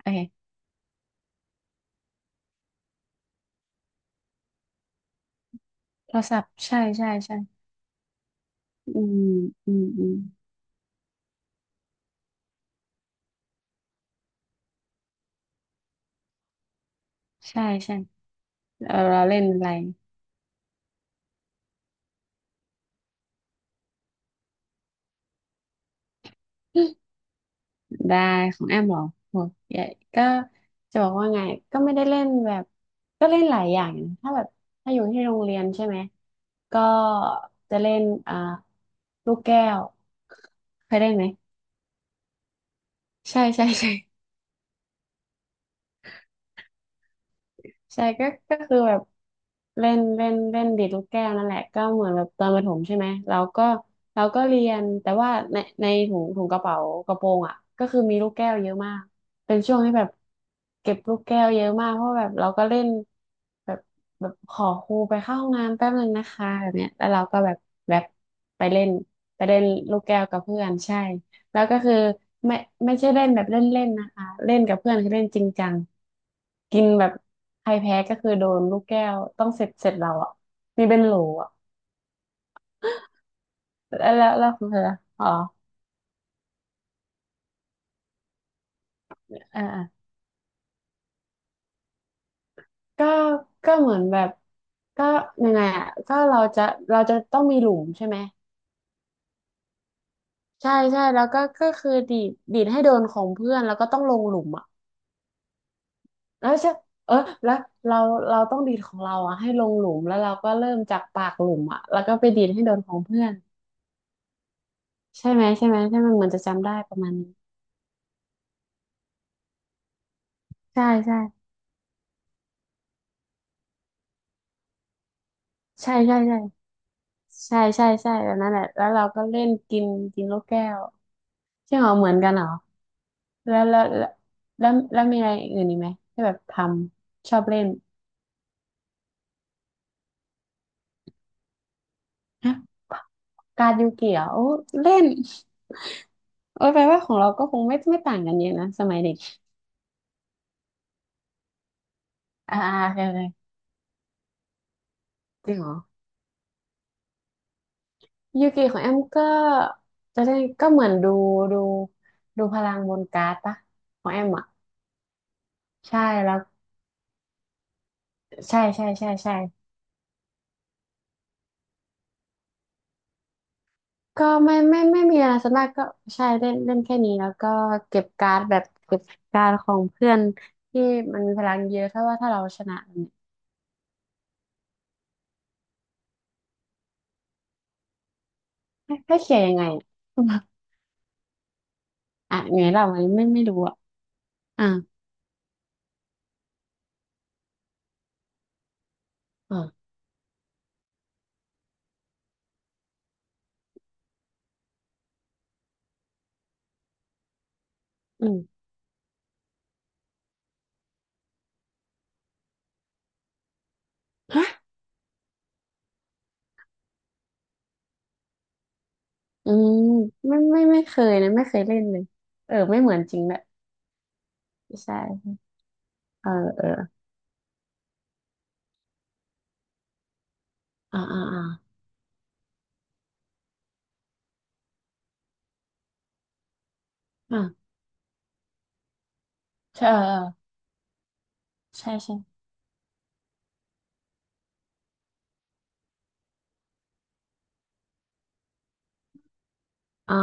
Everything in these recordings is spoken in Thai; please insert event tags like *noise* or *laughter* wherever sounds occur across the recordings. โอเคโทรศัพท์ ใช่ใช่ใช่อืมอืมอืมใช่ใช่เราเล่นอะไร *gasps* ได้ของแอมเหรอโหใหญ่ก็จะบอกว่าไง ก็ไม่ได้เล่นแบบ ก็เล่นหลายอย่างนะถ้าแบบถ้าอยู่ที่โรงเรียนใช่ไหม ก็จะเล่นลูกแก้วเคยเล่นไหม ใช่ใช่ใช่ ใช่ก็ก็คือแบบเล่นเล่นเล่นดีดลูกแก้วนั่นแหละก็เหมือนแบบตอนประถมใช่ไหมเราก็เราก็เรียนแต่ว่าในถุงกระเป๋ากระโปรงอ่ะก็คือมีลูกแก้วเยอะมากเป็นช่วงที่แบบเก็บลูกแก้วเยอะมากเพราะแบบเราก็เล่นแบบแบบขอครูไปเข้าห้องน้ำแป๊บนึงนะคะแบบเนี้ยแล้วเราก็แบบแบบไปเล่นไปเล่นลูกแก้วกับเพื่อนใช่ แล้วก็คือไม่ไม่ใช่เล่นแบบเล่นๆนะคะเล่นกับเพื่อนคือเล่นจริงจังกินแบบใครแพ้ก็คือโดนลูกแก้วต้องเสร็จเราอ่ะมีเป็นโหลอ่ะแล้วของเธออ๋ออ่าก็ก็เหมือนแบบก็ยังไงอ่ะก็เราจะต้องมีหลุมใช่ไหมใช่ใช่แล้วก็ก็คือดีดให้โดนของเพื่อนแล้วก็ต้องลงหลุมอ่ะแล้วจะเออแล้วเราเราต้องดีดของเราอ่ะให้ลงหลุมแล้วเราก็เริ่มจากปากหลุมอ่ะแล้วก็ไปดีดให้โดนของเพื่อน ใช่ไหมใช่ไหมใช่มันเหมือนจะจำได้ประมาณนี้ใช่ใช่ใช่ใช่ใช่ใช่ใช่ใช่แบบนั้นแหละแล้วเราก็เล่นกินกินลูกแก้วใช่เหรอเหมือนกันเหรอแล้วแล้วแล้วแล้วมีอะไรอื่นอีกไหมที่แบบทำชอบเล่นฮะการดยูกิเหรอโอ้เล่นโอ้ยแปลว่าของเราก็คงไม่ต่างกันเยอะนะสมัยเด็กอ่าโอเคโอเคจริงเหรอยูกิของแอมก็จะได้ก็เหมือนดูดูพลังบนการ์ดปะของแอมอ่ะใช่แล้วใช่ใช่ใช่ใช่ ก็ไม่ไมมีอะไรส่วนมากก็ใช่เล่นเล่นแค่นี้แล้วก็เก็บการ์ดแบบเก็บการ์ดของเพื่อนที่มันมีพลังเยอะถ้าว่าถ้าเราชนะเนี่ยให้เขียนยังไงอะอ่ะไงเราไม่รู้อ่ะอ่าอ่าอืมฮะอืมไม่เคยนะไม่เคยเล่นเลยเออไม่เหมือนจริงแหละใช่เออเอออ่าอ่าอ่าอ่าใช่เออเออใช่ใช่อ๋อ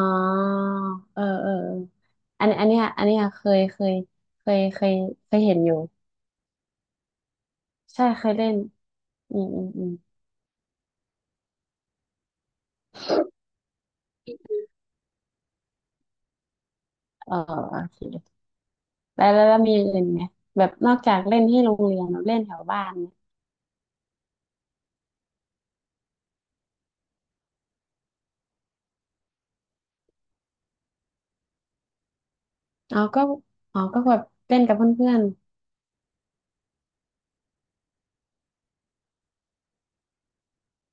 เออเออเอออันเนี้ยเคยเคยเคยเห็นอยู่ ใช่เคยเล่นอืมอืมอืมเออโอเคแล้วมีอย่างอื่นไหมแบบนอกจากเล่นที่โรงเรียนเราเล่นแถวบ้านเนี่ยอ๋อก็อ๋อก็แบบเล่นกับเพื่อน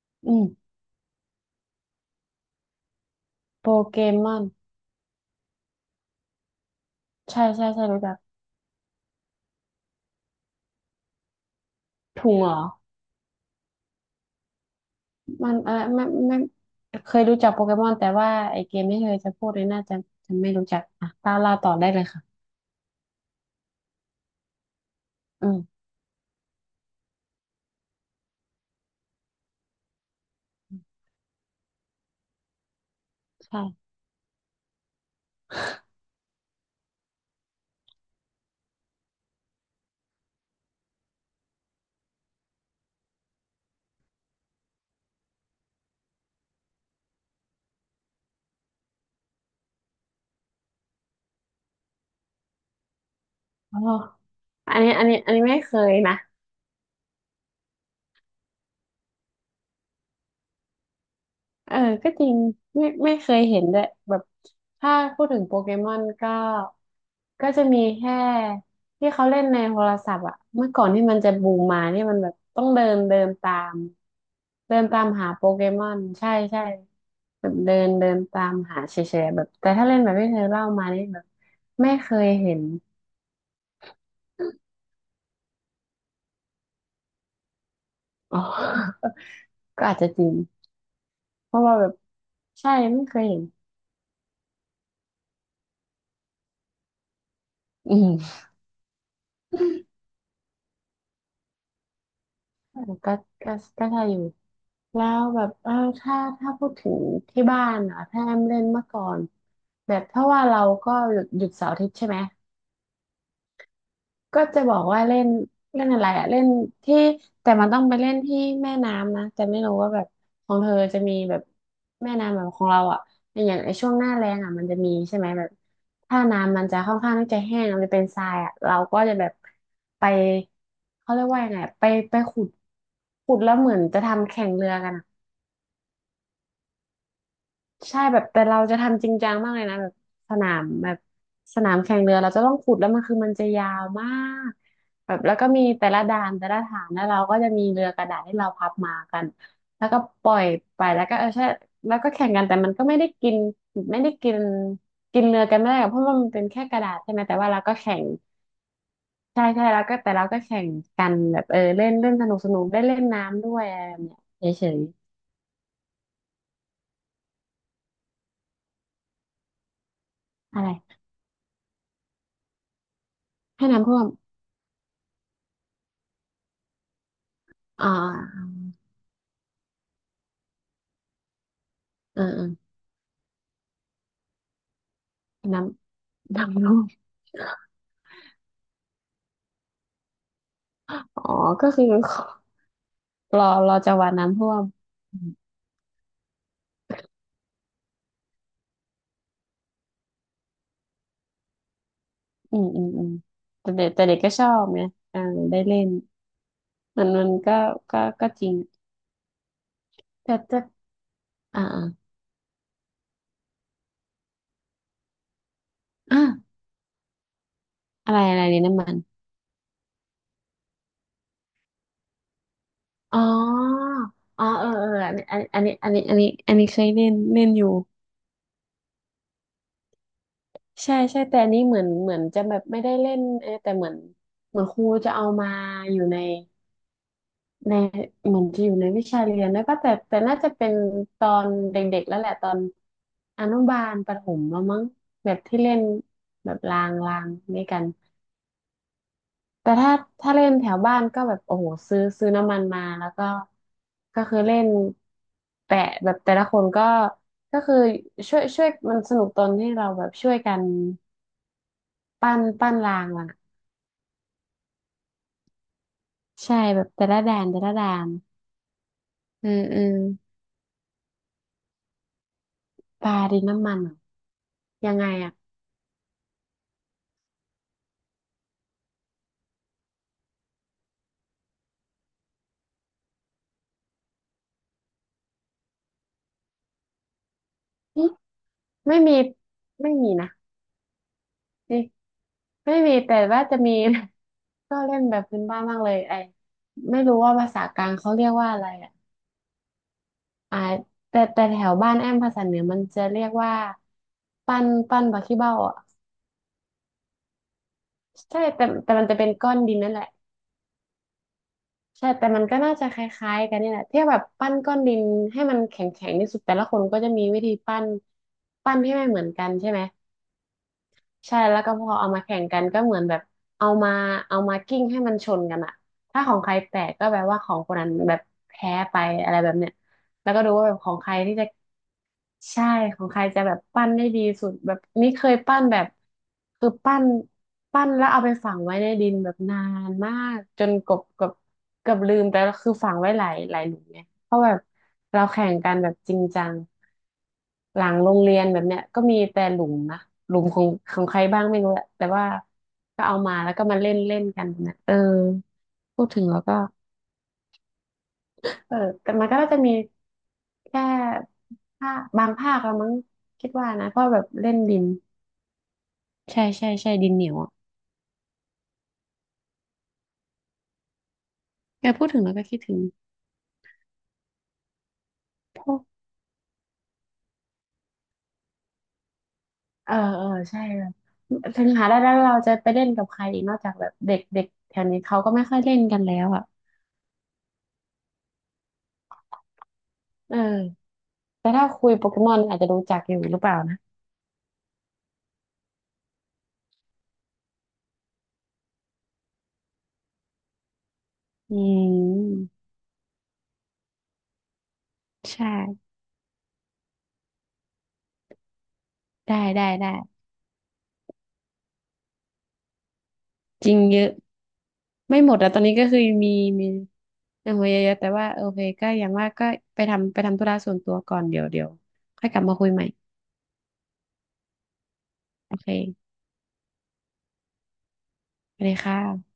ๆอืมโปเกมอนใช่ใช่ใช่รู้จักถุงเหรอมันเออไม่เคยรู้จักโปเกมอนแต่ว่าไอเกมที่เคยจะพูดเลยน่าจะจะไม่รู้จักอ่ะเล่าเล่าต่อได้เลยค่ะอืมใช่อ๋ออันนี้ไม่เคยนะ เออก็จริงไม่เคยเห็นด้วยแบบถ้าพูดถึงโปเกมอนก็ก็จะมีแค่ที่เขาเล่นในโทรศัพท์อะเมื่อก่อนที่มันจะบูมมานี่มันแบบต้องเดินเดินตามเดินตามหาโปเกมอนใช่ใช่แบบเดินเดินตามหาเฉยๆแบบแต่ถ้าเล่นแบบที่เธอเล่ามานี่แบบไม่เคยเห็นอ๋อ *laughs* ก็อาจจะจริงเพราะว่าแบบใช่ไม่เคยเห็นอืม อืมก็ก็ใช่อยู่ แล้วแบบเออถ้าพูดถึงที่บ้านอ่ะถ้าแอมเล่นเมื่อก่อน แบบถ้าว่าเราก็หยุดเสาร์อาทิตย์ใช่ไหม ก็จะบอกว่าเล่นเล่นอะไรอะเล่นที่แต่มันต้องไปเล่นที่แม่น้ำนะแต่ไม่รู้ว่าแบบของเธอจะมีแบบแม่น้ำแบบของเราอ่ะอย่างไอช่วงหน้าแล้งอ่ะมันจะมีใช่ไหมแบบถ้าน้ำมันจะค่อนข้างที่จะแห้งมันจะเป็นทรายอ่ะเราก็จะแบบไปเขาเรียกว่ายังไงอะไปขุดแล้วเหมือนจะทำแข่งเรือกันอะ ใช่แบบแต่เราจะทำจริงจังมากเลยนะแบบสนามแบบสนามแข่งเรือเราจะต้องขุดแล้วมันคือมันจะยาวมากแบบแล้วก็มีแต่ละด่านแต่ละฐานแล้วเราก็จะมีเรือกระดาษที่เราพับมากันแล้วก็ปล่อยไปแล้วก็เออใช่แล้วก็แข่งกันแต่มันก็ไม่ได้กินไม่ได้กินกินเรือกันไม่ได้หรอกเพราะว่ามันเป็นแค่กระดาษใช่ไหมแต่ว่าเราก็แข่งใช่ใช่แล้วก็แต่เราก็แข่งกันแบบเออเล่นเล่นสนุกสนุกได้เล่นน้ำด้วยอะไรแบบเนี้ยเฉยๆอะไรให้น้ำท่วมอ่าเออเออน้ำ น้ำท่วมอ๋อก็คือรอรอจังหวะน้ำท่วมอืมอืมอืมแต่เด็กแต่เด็กก็ชอบไงอ่าได้เล่นมันมันก็ก็ก็จริงแต่แต่อ่าอ่าอ่าอะไรอะไรเนี่ยน้ำมันอ๋ออ๋อเออเอออันนี้อันนี้อันนี้อันนี้อันนี้อันนี้เคยเล่นเล่นอยู่ใช่ใช่แต่อันนี้เหมือนเหมือนจะแบบไม่ได้เล่นเออแต่เหมือนเหมือนครูจะเอามาอยู่ใน ในเหมือนจะอยู่ในวิชาเรียนด้วยป่ะก็แต่แต่น่าจะเป็นตอนเด็กๆแล้วแหละตอนอนุบาลประถมแล้วมั้งแบบที่เล่นแบบรางรางด้วยกันแต่ถ้าถ้าเล่นแถวบ้านก็แบบโอ้โหซื้อซื้อน้ำมันมาแล้วก็ก็คือเล่นแปะแบบแต่ละคนก็ก็คือช่วยช่วยมันสนุกตอนที่เราแบบช่วยกันปั้นปั้นรางอ่ะใช่แบบแต่ละด่านแต่ละด่านเออเออปลาดินน้ำมันเหรอยังไงอ่ะ ไม่มีไม่มีนะนี่ไม่มีแต่ว่าจะมี *laughs* ก็เล่นแบบพื้นบ้านบ้างเลยไอไม่รู้ว่าภาษากลางเขาเรียกว่าอะไรอ่ะอ่าแต่แต่แถวบ้านแอมภาษาเหนือมันจะเรียกว่าปั้นปั้นบักขี้เบ้าอ่ะใช่แต่แต่มันจะเป็นก้อนดินนั่นแหละใช่แต่มันก็น่าจะคล้ายๆกันนี่แหละที่แบบปั้นก้อนดินให้มันแข็งๆที่สุดแต่ละคนก็จะมีวิธีปั้นปั้นให้ไม่เหมือนกันใช่ไหม ใช่แล้วก็พอเอามาแข่งกันก็เหมือนแบบเอามาเอามากิ้งให้มันชนกันอะถ้าของใครแตกก็แปลว่าของคนนั้นแบบแพ้ไปอะไรแบบเนี้ยแล้วก็ดูว่าแบบของใครที่จะใช่ของใครจะแบบปั้นได้ดีสุดแบบนี่เคยปั้นแบบคือปั้นปั้นแล้วเอาไปฝังไว้ในดินแบบนานมากจนกบกับกับลืมไปแล้วคือฝังไว้หลายหลายหลุมไง เพราะแบบเราแข่งกันแบบจริงจังหลังโรงเรียนแบบเนี้ยก็มีแต่หลุมนะหลุมของของใครบ้างไม่รู้แหละแต่ว่าก็เอามาแล้วก็มาเล่นเล่นกันแบบเนี้ยเออพูดถึงแล้วก็เออแต่มันก็น่าจะมีแค่ภาคบางภาคละมั้งคิดว่านะเพราะแบบเล่นดินใช่ใช่ใช่ดินเหนียวอ่ะเออพูดถึงแล้วก็คิดถึงพวกเออเออใช่แบบถึงหาได้แล้วเราจะไปเล่นกับใครอีกนอกจากแบบเด็กเด็กแถวนี้เขาก็ไม่ค่อยเล่นกันแล้วอ่ะเออ แต่ถ้าคุยโปเกมอนอาจจะรู้จักอยู่หรือเปล่านะอืมใช่ได้ได้ได้จริงเยอะไม่หมดอะตอนนี้ก็คือมีมีเอาไว้เยอะๆแต่ว่าโอเคก็อย่างว่าก็ไปทำไปทำธุระส่วนตัวก่อนเดี๋ยวเดี๋ยวค่อยกลับมาคุยใหม่โอเคไปเลยค่ะ